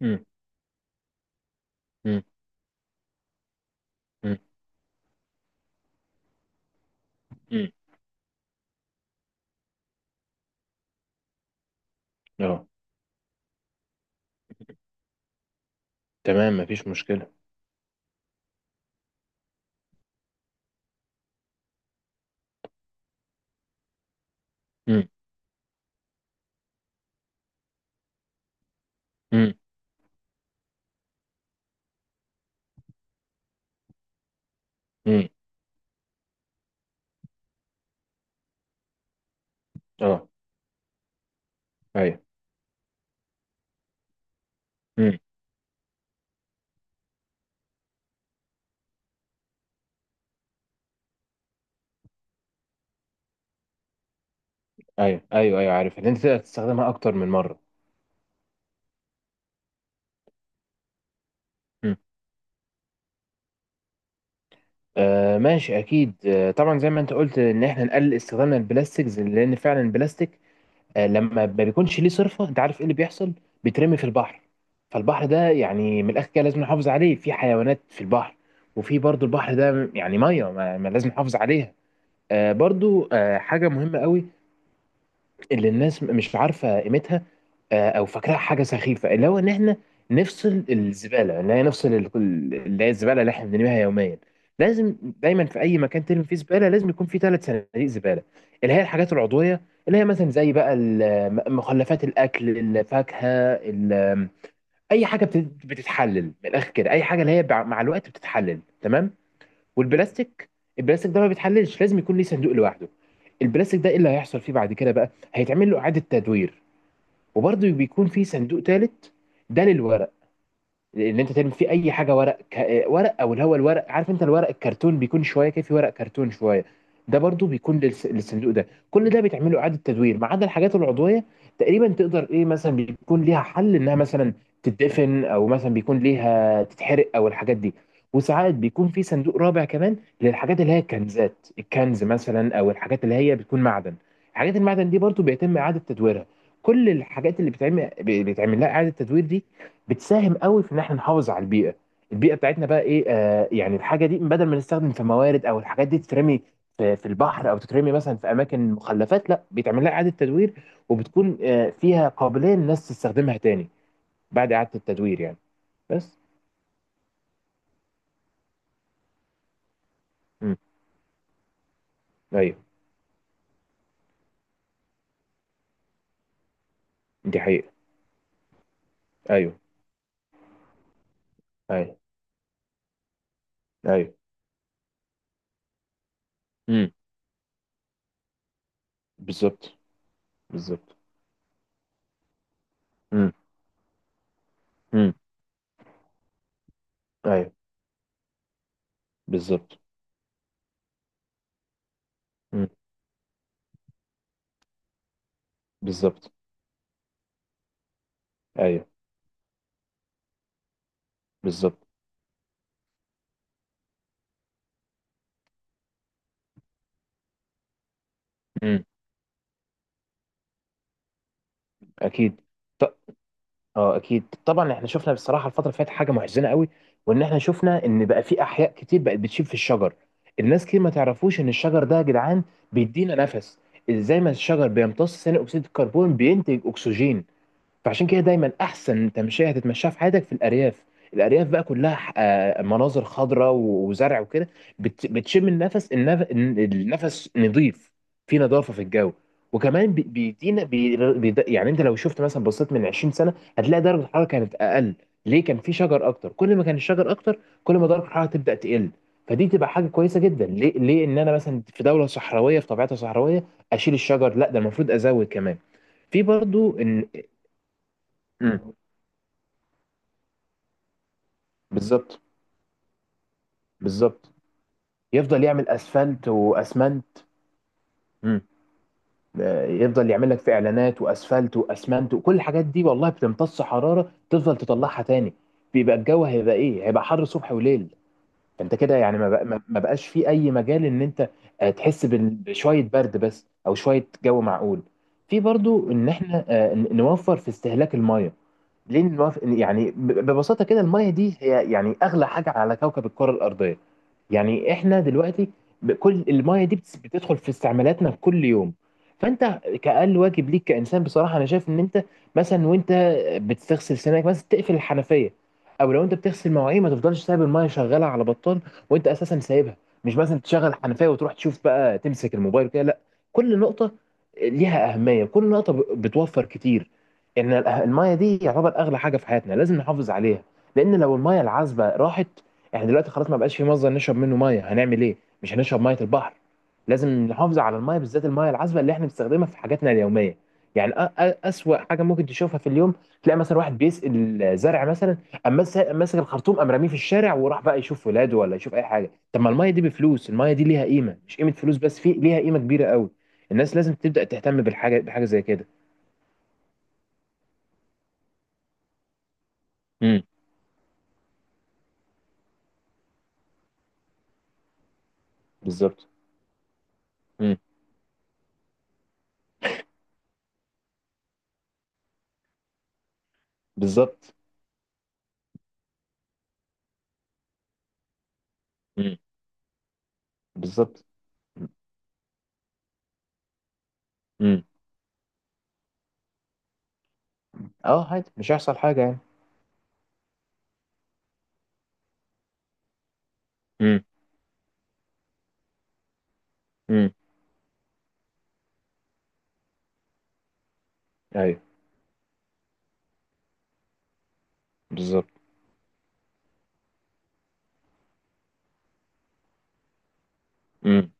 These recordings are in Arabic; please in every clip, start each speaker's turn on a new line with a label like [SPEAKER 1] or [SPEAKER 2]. [SPEAKER 1] مم. مم. مم. مم. اه. تمام، مفيش مشكلة. مم. مم. مم. اه. ايوه. مم. ايوه ايوه ايوه، عارف ان انت تقدر تستخدمها اكتر من مرة. مم. آه ماشي، اكيد. آه طبعا، زي ما انت قلت ان احنا نقلل استخدامنا للبلاستيكز، لان فعلا البلاستيك آه لما ما بيكونش ليه صرفة، انت عارف ايه اللي بيحصل؟ بيترمي في البحر. فالبحر ده يعني من الاخر كده لازم نحافظ عليه، في حيوانات في البحر، وفي برضو البحر ده يعني ميه ما ما لازم نحافظ عليها. آه برضو، آه حاجة مهمة قوي اللي الناس مش عارفه قيمتها، او فاكراها حاجه سخيفه، اللي هو ان احنا نفصل الزباله، اللي هي نفصل اللي هي الزباله اللي احنا بنرميها يوميا. لازم دايما في اي مكان ترمي فيه زباله لازم يكون فيه ثلاث صناديق زباله. اللي هي الحاجات العضويه، اللي هي مثلا زي بقى مخلفات الاكل، الفاكهه، ال- اي حاجه بتتحلل من الاخر كده، اي حاجه اللي هي مع الوقت بتتحلل، تمام. والبلاستيك، البلاستيك ده ما بيتحللش، لازم يكون ليه صندوق لوحده. البلاستيك ده ايه اللي هيحصل فيه بعد كده؟ بقى هيتعمل له اعاده تدوير. وبرضه بيكون فيه صندوق ثالث، ده للورق، ان انت تعمل فيه اي حاجه ورق. ورق او اللي هو الورق، عارف انت الورق الكرتون، بيكون شويه كده في ورق كرتون شويه، ده برضو بيكون للصندوق ده. كل ده بيتعمل له اعاده تدوير ما عدا الحاجات العضويه، تقريبا تقدر ايه مثلا بيكون ليها حل انها مثلا تتدفن، او مثلا بيكون ليها تتحرق، او الحاجات دي. وساعات بيكون في صندوق رابع كمان، للحاجات اللي هي الكنزات، الكنز مثلا، او الحاجات اللي هي بتكون معدن. حاجات المعدن دي برضو بيتم اعاده تدويرها. كل الحاجات اللي بتعمل بيتعمل لها اعاده تدوير دي بتساهم قوي في ان احنا نحافظ على البيئه. البيئه بتاعتنا بقى ايه، يعني الحاجه دي بدل ما نستخدم في موارد، او الحاجات دي تترمي في البحر، او تترمي مثلا في اماكن مخلفات، لا بيتعمل لها اعاده تدوير، وبتكون فيها قابليه للناس تستخدمها تاني، بعد اعاده التدوير يعني. بس. امم. ايوه، دي حقيقه. ايوه ايوه ايوه. امم. بالظبط. بالظبط. امم. امم. ايوه. بالظبط. امم. بالظبط. ايوه. بالظبط. امم. اكيد. اه اكيد، طبعا. احنا شفنا بصراحه الفتره اللي فاتت حاجه محزنه قوي، وان احنا شفنا ان بقى في احياء كتير بقت بتشيب في الشجر. الناس كتير ما تعرفوش ان الشجر ده يا جدعان بيدينا نفس. ازاي؟ ما الشجر بيمتص ثاني اكسيد الكربون بينتج اكسجين. فعشان كده دايما احسن تمشيه هتتمشاها في حياتك في الارياف، الارياف بقى كلها مناظر خضراء وزرع وكده، بتشم النفس، النفس نظيف، في نظافه في الجو. وكمان بيدينا يعني انت لو شفت مثلا بصيت من 20 سنه هتلاقي درجه الحراره كانت اقل. ليه؟ كان في شجر اكتر، كل ما كان الشجر اكتر كل ما درجه الحراره تبدا تقل. فدي تبقى حاجه كويسه جدا. ليه ان انا مثلا في دوله صحراويه، في طبيعتها صحراويه، اشيل الشجر؟ لا ده المفروض ازود كمان. في برضو ان. مم. بالظبط. بالظبط. يفضل يعمل اسفلت واسمنت. مم. آه، يفضل يعمل لك في اعلانات واسفلت واسمنت وكل الحاجات دي والله، بتمتص حراره تفضل تطلعها تاني. بيبقى الجو هيبقى ايه، هيبقى حر صبح وليل. فانت كده يعني ما بق- ما- ما بقاش في اي مجال ان انت آه، تحس بشويه برد بس، او شويه جو معقول. في برضو ان احنا آه، نوفر في استهلاك الميه. ليه يعني ببساطة كده؟ المية دي هي يعني أغلى حاجة على كوكب الكرة الأرضية، يعني إحنا دلوقتي كل المية دي بتدخل في استعمالاتنا في كل يوم. فأنت كأقل واجب ليك كإنسان بصراحة أنا شايف إن أنت مثلا وأنت بتغسل سنانك مثلا تقفل الحنفية، أو لو أنت بتغسل مواعين ما تفضلش سايب المية شغالة على بطال وأنت أساسا سايبها، مش مثلا تشغل الحنفية وتروح تشوف بقى تمسك الموبايل كده، لا. كل نقطة ليها أهمية، كل نقطة بتوفر كتير. ان المايه دي يعتبر اغلى حاجه في حياتنا لازم نحافظ عليها، لان لو المايه العذبه راحت احنا دلوقتي خلاص ما بقاش في مصدر نشرب منه مايه، هنعمل ايه؟ مش هنشرب ميه البحر. لازم نحافظ على المايه، بالذات المايه العذبه اللي احنا بنستخدمها في حاجاتنا اليوميه. يعني اسوأ حاجه ممكن تشوفها في اليوم تلاقي مثلا واحد بيسقي الزرع مثلا، اما ماسك الخرطوم قام راميه في الشارع وراح بقى يشوف ولاده ولا يشوف اي حاجه. طب ما المايه دي بفلوس، المايه دي ليها قيمه، مش قيمه فلوس بس، في ليها قيمه كبيره قوي. الناس لازم تبدا تهتم بالحاجه، بحاجه زي كده. امم. بالظبط. بالظبط. امم. بالظبط. امم. اه، عادي، مش هيحصل حاجة يعني. امم. امم. ايوه. بالظبط. امم.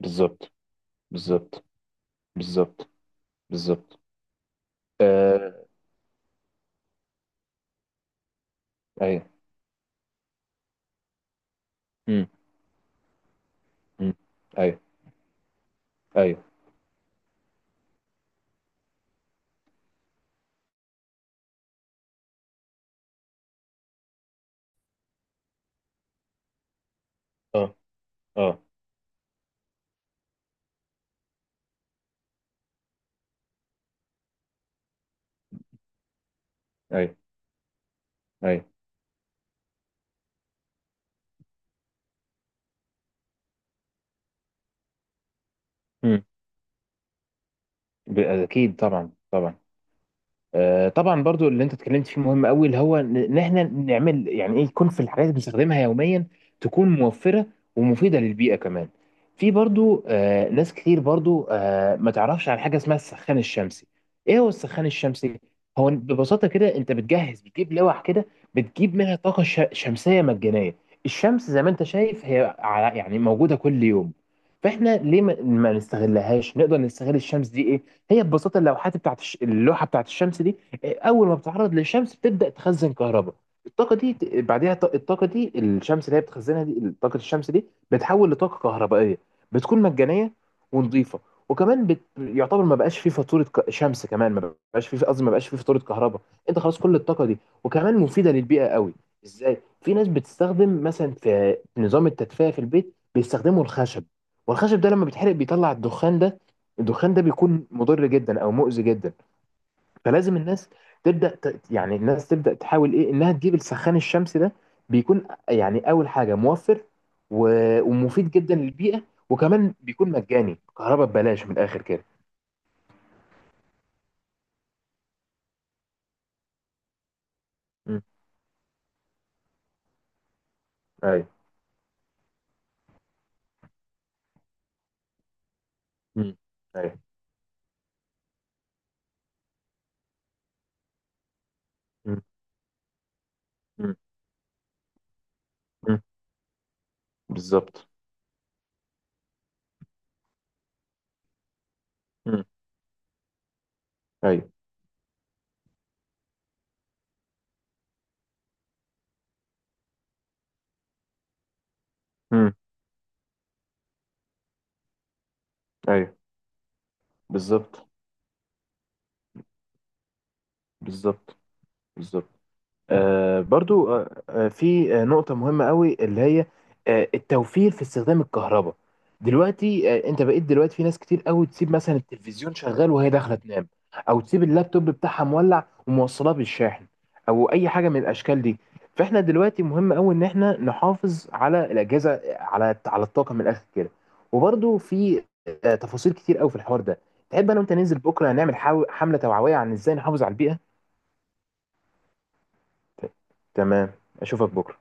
[SPEAKER 1] بالظبط. بالظبط. بالظبط. بالظبط. آه. ايوه. امم. امم. ايوه. ايوه. اه. اه. ايوه. ايوه. امم. اكيد، طبعا طبعا. آه، طبعا برضو اللي انت اتكلمت فيه مهم قوي، اللي هو ان احنا نعمل يعني ايه يكون في الحاجات اللي بنستخدمها يوميا تكون موفره ومفيده للبيئه كمان. في برضو آه، ناس كتير برضو آه، ما تعرفش عن حاجه اسمها السخان الشمسي. ايه هو السخان الشمسي؟ هو ببساطه كده انت بتجهز، بتجيب لوح كده بتجيب منها طاقه شمسيه مجانيه. الشمس زي ما انت شايف هي يعني موجوده كل يوم، فاحنا ليه ما ما نستغلهاش، نقدر نستغل الشمس دي. ايه هي ببساطه اللوحات بتاعت اللوحه بتاعت الشمس دي؟ إيه، اول ما بتتعرض للشمس بتبدا تخزن كهرباء. الطاقه دي بعدها الطاقه دي الشمس اللي هي بتخزنها دي طاقه الشمس دي بتحول لطاقه كهربائيه، بتكون مجانيه ونظيفه. وكمان يعتبر ما بقاش فيه فاتوره شمس كمان، ما بقاش فيه، قصدي ما بقاش فيه فاتوره كهرباء. انت خلاص كل الطاقه دي، وكمان مفيده للبيئه قوي. ازاي؟ في ناس بتستخدم مثلا في نظام التدفئه في البيت بيستخدموا الخشب، والخشب ده لما بيتحرق بيطلع الدخان ده، الدخان ده بيكون مضر جدا او مؤذي جدا. فلازم الناس يعني الناس تبدا تحاول ايه انها تجيب السخان الشمسي ده. بيكون يعني اول حاجه موفر، و... ومفيد جدا للبيئه، وكمان بيكون مجاني، كهرباء ببلاش من الاخر كده. امم. ايوه. امم. ايوه. امم. امم. أمم. بالظبط. امم. ايوه. امم. ايوه. بالظبط. بالظبط. بالظبط. آه، برضو آه، آه، في آه، نقطة مهمة قوي اللي هي آه، التوفير في استخدام الكهرباء. دلوقتي آه، انت بقيت دلوقتي في ناس كتير قوي تسيب مثلا التلفزيون شغال وهي داخلة تنام، او تسيب اللابتوب بتاعها مولع وموصلاه بالشاحن، او اي حاجة من الاشكال دي. فاحنا دلوقتي مهم قوي ان احنا نحافظ على الاجهزة، على الطاقة من الاخر كده. وبرضو في آه، تفاصيل كتير قوي في الحوار ده. تحب انا وانت ننزل بكرة نعمل حملة توعوية عن ازاي نحافظ على البيئة؟ ت- تمام، اشوفك بكرة.